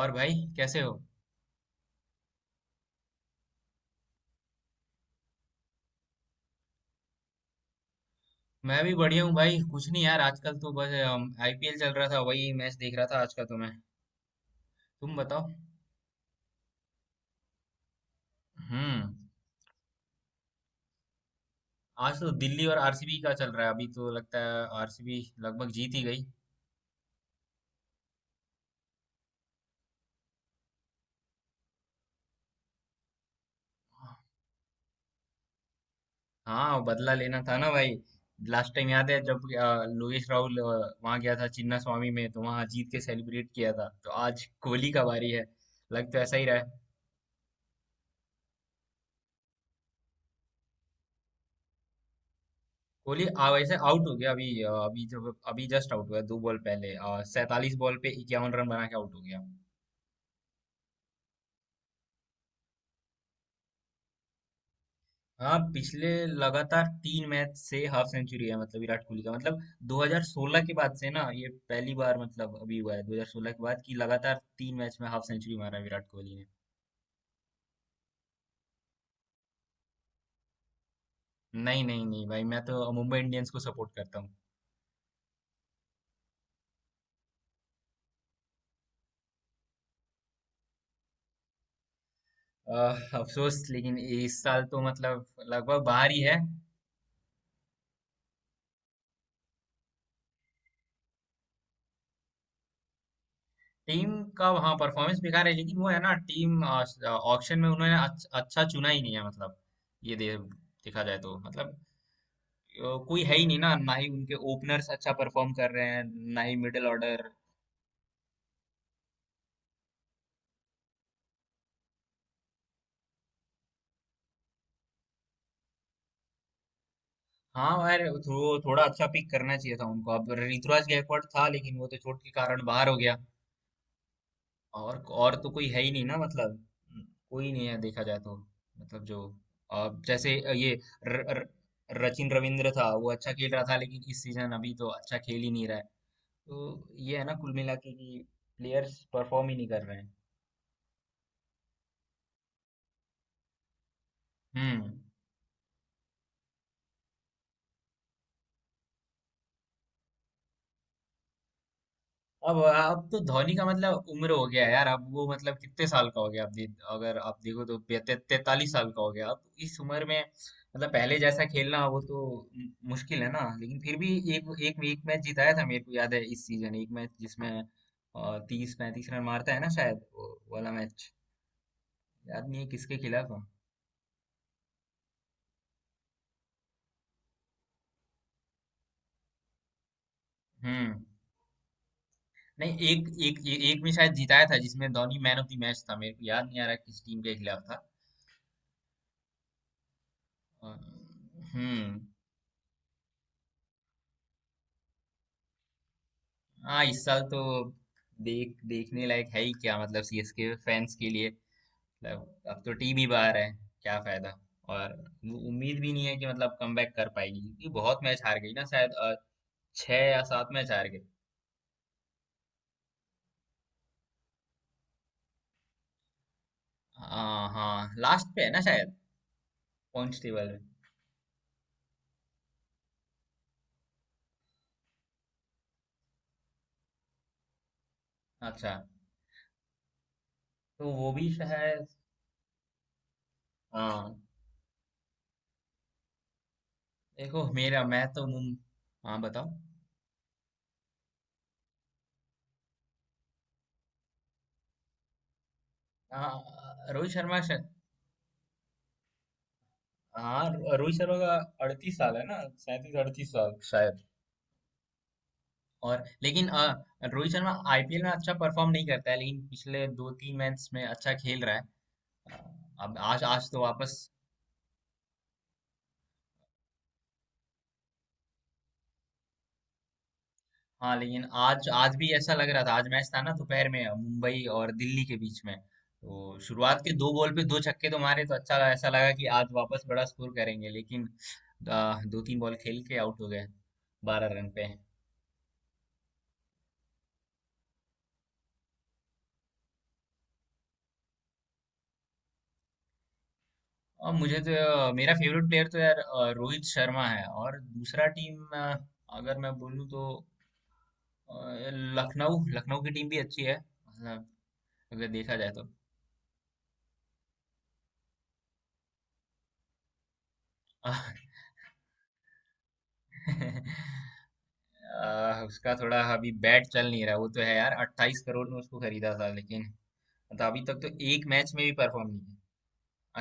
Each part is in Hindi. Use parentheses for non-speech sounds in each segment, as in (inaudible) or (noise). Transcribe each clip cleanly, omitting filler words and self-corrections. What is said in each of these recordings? और भाई कैसे हो? मैं भी बढ़िया हूँ भाई। कुछ नहीं यार, आजकल तो बस आईपीएल चल रहा था, वही मैच देख रहा था आज का। तो मैं, तुम बताओ। हम्म। आज तो दिल्ली और आरसीबी का चल रहा है। अभी तो लगता है आरसीबी लगभग जीत ही गई। हाँ, बदला लेना था ना भाई। लास्ट टाइम याद है जब लोकेश राहुल वहां गया था चिन्ना स्वामी में, तो वहां जीत के सेलिब्रेट किया था। तो आज कोहली का बारी है, लग तो ऐसा ही रहा है। कोहली आ वैसे आउट हो गया अभी, अ, अभी जब अभी जस्ट आउट हुआ दो बॉल पहले। 47 बॉल पे 51 रन बना के आउट हो गया। हाँ, पिछले लगातार तीन मैच से हाफ सेंचुरी है मतलब विराट कोहली का। मतलब 2016 के बाद से ना ये पहली बार। मतलब अभी हुआ है 2016 के बाद कि लगातार तीन मैच में हाफ सेंचुरी मारा है विराट कोहली ने। नहीं, नहीं, नहीं भाई, मैं तो मुंबई इंडियंस को सपोर्ट करता हूँ। अ, अफसोस, लेकिन इस साल तो मतलब लगभग बाहर ही है। टीम का, हाँ, परफॉर्मेंस बेकार है। लेकिन वो है ना, टीम ऑक्शन में उन्होंने अच्छा चुना ही नहीं है मतलब। ये दे, देखा जाए तो मतलब कोई है ही नहीं ना, ना ही उनके ओपनर्स अच्छा परफॉर्म कर रहे हैं, ना ही मिडिल ऑर्डर। हाँ यार, थोड़ा अच्छा पिक करना चाहिए था उनको। अब ऋतुराज गायकवाड़ था लेकिन वो तो चोट के कारण बाहर हो गया। और तो कोई है ही नहीं ना मतलब। कोई नहीं है देखा जाए तो। मतलब जो, अब जैसे ये र, र, रचिन रविंद्र था, वो अच्छा खेल रहा था लेकिन इस सीजन अभी तो अच्छा खेल ही नहीं रहा है। तो ये है ना, कुल मिला के कि प्लेयर्स परफॉर्म ही नहीं कर रहे हैं। हम्म। अब तो धोनी का मतलब उम्र हो गया है यार। अब वो मतलब कितने साल का हो गया? आप अगर आप देखो तो 43 साल का हो गया अब। इस उम्र में मतलब पहले जैसा खेलना वो तो मुश्किल है ना। लेकिन फिर भी एक एक एक मैच जिताया था मेरे को याद है इस सीजन, एक मैच जिसमें तीस पैंतीस रन मारता है ना शायद, वो वाला मैच याद नहीं है किसके खिलाफ था। हम्म। नहीं, एक एक ए- एक में शायद जिताया था जिसमें Dhoni man of the match था। मेरे को याद नहीं आ रहा किस टीम के खिलाफ था। अ, हम्म। हाँ, इस साल तो देखने लायक है ही क्या मतलब सीएसके फैंस के लिए। मतलब अब तो टीम ही बाहर है, क्या फायदा। और वो उम्मीद भी नहीं है कि मतलब कमबैक कर पाएगी, क्योंकि बहुत मैच हार गई ना शायद, छह या सात मैच हार गई। हाँ हाँ, लास्ट पे है ना शायद, पॉइंट्स टेबल में। अच्छा, तो वो भी शायद। हाँ। देखो, मेरा मैं तो मुम हाँ बताओ। हाँ, रोहित शर्मा शायद, हाँ रोहित शर्मा का 38 साल है ना, 37 38 साल शायद। और लेकिन रोहित शर्मा आईपीएल में अच्छा परफॉर्म नहीं करता है, लेकिन पिछले दो तीन मैच में अच्छा खेल रहा है। अ, अब आज आज तो वापस। हाँ, लेकिन आज आज भी ऐसा लग रहा था, आज मैच था ना दोपहर में मुंबई और दिल्ली के बीच में। तो शुरुआत के दो बॉल पे दो छक्के तो मारे, तो अच्छा ऐसा लगा कि आज वापस बड़ा स्कोर करेंगे, लेकिन दो तीन बॉल खेल के आउट हो गए 12 रन पे। और मुझे तो मेरा फेवरेट प्लेयर तो यार रोहित शर्मा है। और दूसरा टीम, अगर मैं बोलूँ तो अ, लखनऊ लखनऊ की टीम भी अच्छी है मतलब, अगर देखा जाए तो। (laughs) अ, उसका थोड़ा अभी बैट चल नहीं रहा, वो तो है यार। 28 करोड़ में उसको खरीदा था लेकिन मतलब अभी तक तो एक मैच में भी परफॉर्म नहीं है।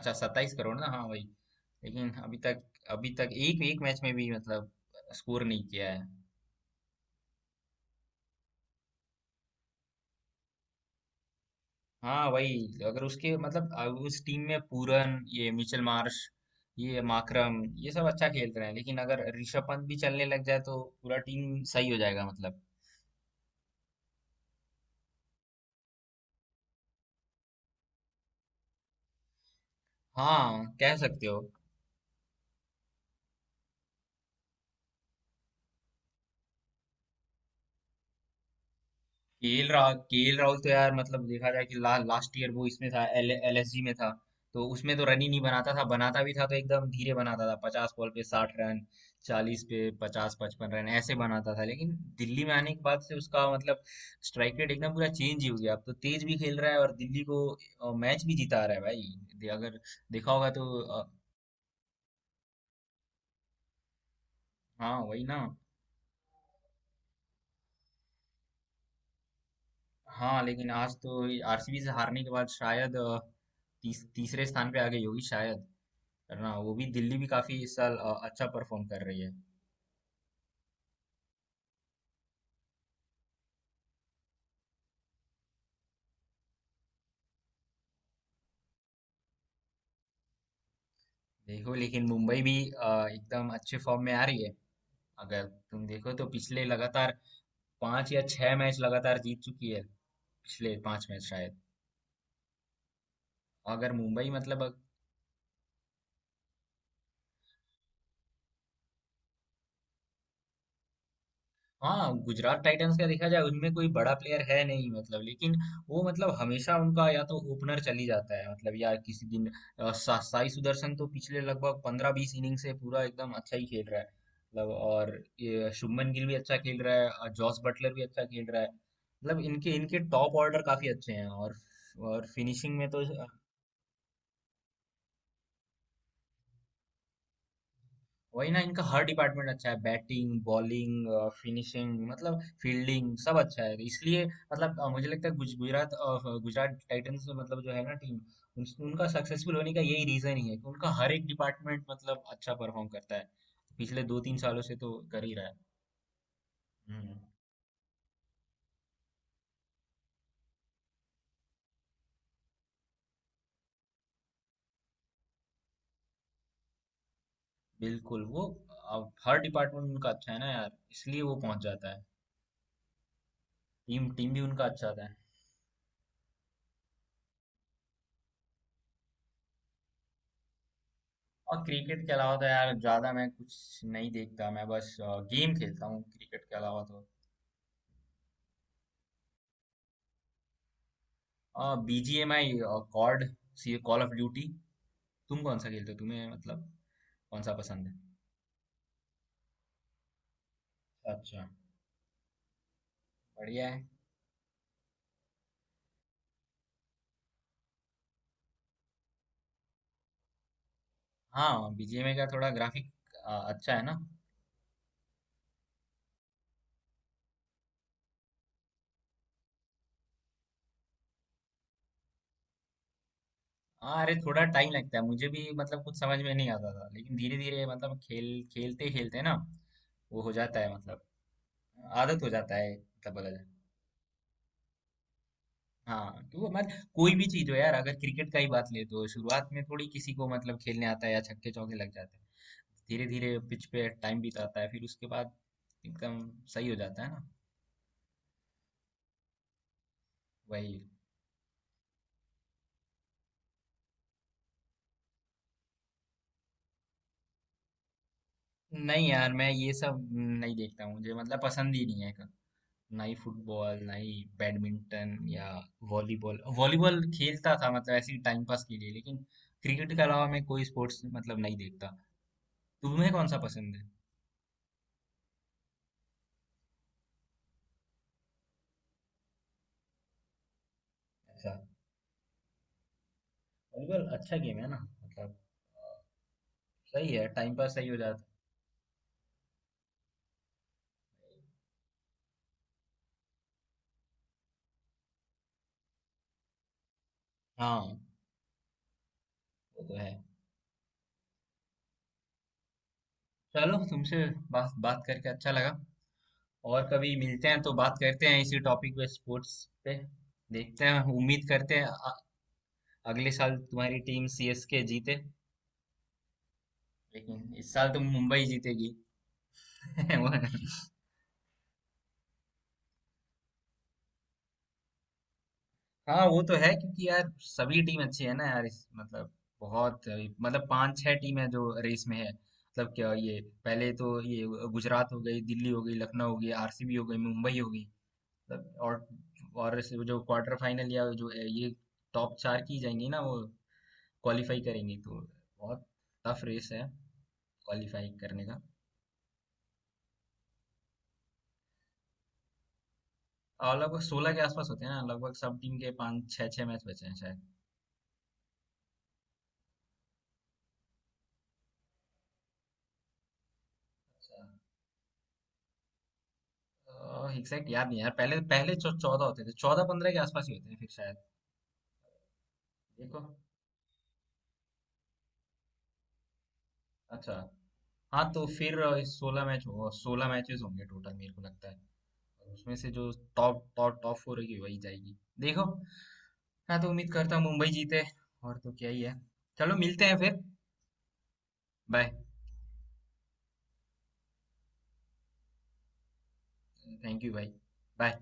अच्छा, 27 करोड़ ना, हाँ भाई। लेकिन अभी तक, एक एक मैच में भी मतलब स्कोर नहीं किया है। हाँ वही, अगर उसके मतलब उस टीम में पूरन, ये मिचेल मार्श, ये माकरम, ये सब अच्छा खेल रहे हैं। लेकिन अगर ऋषभ पंत भी चलने लग जाए तो पूरा टीम सही हो जाएगा मतलब। हाँ, कह सकते हो। केएल राहुल तो यार, मतलब देखा जाए कि लास्ट ईयर वो इसमें था, एल एलएसजी में था। तो उसमें तो रन ही नहीं बनाता था, बनाता भी था तो एकदम धीरे बनाता था। 50 बॉल पे 60 रन, 40 पे पचास पचपन रन ऐसे बनाता था। लेकिन दिल्ली में आने के बाद से उसका मतलब स्ट्राइक रेट एकदम पूरा चेंज ही हो गया। अब तो तेज भी खेल रहा है, और दिल्ली को मैच भी जिता रहा है भाई। अगर देखा होगा तो हाँ वही ना। हाँ, लेकिन आज तो आरसीबी से हारने के बाद शायद तीसरे स्थान पे आ गई होगी शायद। है ना, वो भी, दिल्ली भी काफी इस साल अच्छा परफॉर्म कर रही है। देखो, लेकिन मुंबई भी एकदम अच्छे फॉर्म में आ रही है। अगर तुम देखो तो पिछले लगातार पांच या छह मैच लगातार जीत चुकी है। पिछले पांच मैच शायद, अगर मुंबई मतलब। हाँ, गुजरात टाइटंस का देखा जाए, उनमें कोई बड़ा प्लेयर है नहीं मतलब। लेकिन वो मतलब, हमेशा उनका या तो ओपनर चली जाता है मतलब, या किसी दिन साई सुदर्शन तो पिछले लगभग पंद्रह बीस इनिंग से पूरा एकदम अच्छा ही खेल रहा है। मतलब और ये शुभमन गिल भी अच्छा खेल रहा है, और जॉस बटलर भी अच्छा खेल रहा है। मतलब, इनके इनके टॉप ऑर्डर काफी अच्छे हैं। और फिनिशिंग में तो वही ना, इनका हर डिपार्टमेंट अच्छा है, बैटिंग, बॉलिंग, फिनिशिंग, मतलब फील्डिंग, सब अच्छा है। इसलिए मतलब मुझे लगता है गुजरात गुजरात टाइटंस, मतलब जो है ना टीम, उन, उनका सक्सेसफुल होने का यही रीजन ही है कि उनका हर एक डिपार्टमेंट मतलब अच्छा परफॉर्म करता है। पिछले दो तीन सालों से तो कर ही रहा है। हम्म। बिल्कुल वो, अब हर डिपार्टमेंट उनका अच्छा है ना यार, इसलिए वो पहुंच जाता है। टीम टीम भी उनका अच्छा होता है। और क्रिकेट के अलावा तो यार ज्यादा मैं कुछ नहीं देखता। मैं बस गेम खेलता हूँ क्रिकेट के अलावा, तो बीजीएमआई, कॉर्ड सी कॉल ऑफ ड्यूटी। तुम कौन सा खेलते हो? तुम्हें मतलब कौन सा पसंद है? अच्छा, बढ़िया है। हाँ, बीजीएमआई का थोड़ा ग्राफिक अच्छा है ना। हाँ अरे, थोड़ा टाइम लगता है। मुझे भी मतलब कुछ समझ में नहीं आता था, लेकिन धीरे धीरे मतलब खेलते खेलते ना, वो हो जाता है मतलब। आदत हो जाता है मतलब, बोला जाए। हाँ तो मतलब कोई भी चीज हो यार, अगर क्रिकेट का ही बात ले तो शुरुआत में थोड़ी किसी को मतलब खेलने आता है या छक्के चौके लग जाते हैं? धीरे धीरे पिच पे टाइम बिताता है, फिर उसके बाद एकदम सही हो जाता है ना। वही। नहीं यार, मैं ये सब नहीं देखता हूँ। मुझे मतलब पसंद ही नहीं है, ना ही फुटबॉल, ना ही बैडमिंटन या वॉलीबॉल। वॉलीबॉल खेलता था मतलब, ऐसे ही टाइम पास के लिए। लेकिन क्रिकेट के अलावा मैं कोई स्पोर्ट्स मतलब नहीं देखता। तुम्हें कौन सा पसंद है? अच्छा, वॉलीबॉल अच्छा गेम है ना मतलब अ, सही है। टाइम पास सही हो जाता है। हाँ वो तो है। चलो, तुमसे बात बात करके अच्छा लगा। और कभी मिलते हैं तो बात करते हैं इसी टॉपिक पे, स्पोर्ट्स पे। देखते हैं, उम्मीद करते हैं अगले साल तुम्हारी टीम सीएसके जीते। लेकिन इस साल तो मुंबई जीतेगी। (laughs) हाँ वो तो है, क्योंकि यार सभी टीम अच्छी है ना यार, इस मतलब बहुत मतलब पांच छह टीम है जो रेस में है मतलब क्या। ये पहले तो ये गुजरात हो गई, दिल्ली हो गई, लखनऊ हो गई, आरसीबी हो गई, मुंबई हो गई मतलब। और जो क्वार्टर फाइनल या जो ये टॉप चार की जाएंगी ना, वो क्वालिफाई करेंगी, तो बहुत टफ रेस है क्वालिफाई करने का। और लगभग 16 के आसपास होते हैं ना, लगभग सब टीम के पाँच छः छः मैच बचे हैं शायद। एग्जैक्ट याद नहीं यार, पहले पहले 14 होते थे, 14 15 के आसपास ही होते हैं फिर शायद। देखो। अच्छा। हाँ तो फिर 16 मैच होगा, 16 मैचेस होंगे टोटल मेरे को लगता है। और उसमें से जो टॉप टॉप टॉप फोर होगी वही जाएगी। देखो। हाँ, तो उम्मीद करता हूँ मुंबई जीते। और तो क्या ही है। चलो, मिलते हैं फिर। बाय। थैंक यू भाई। बाय।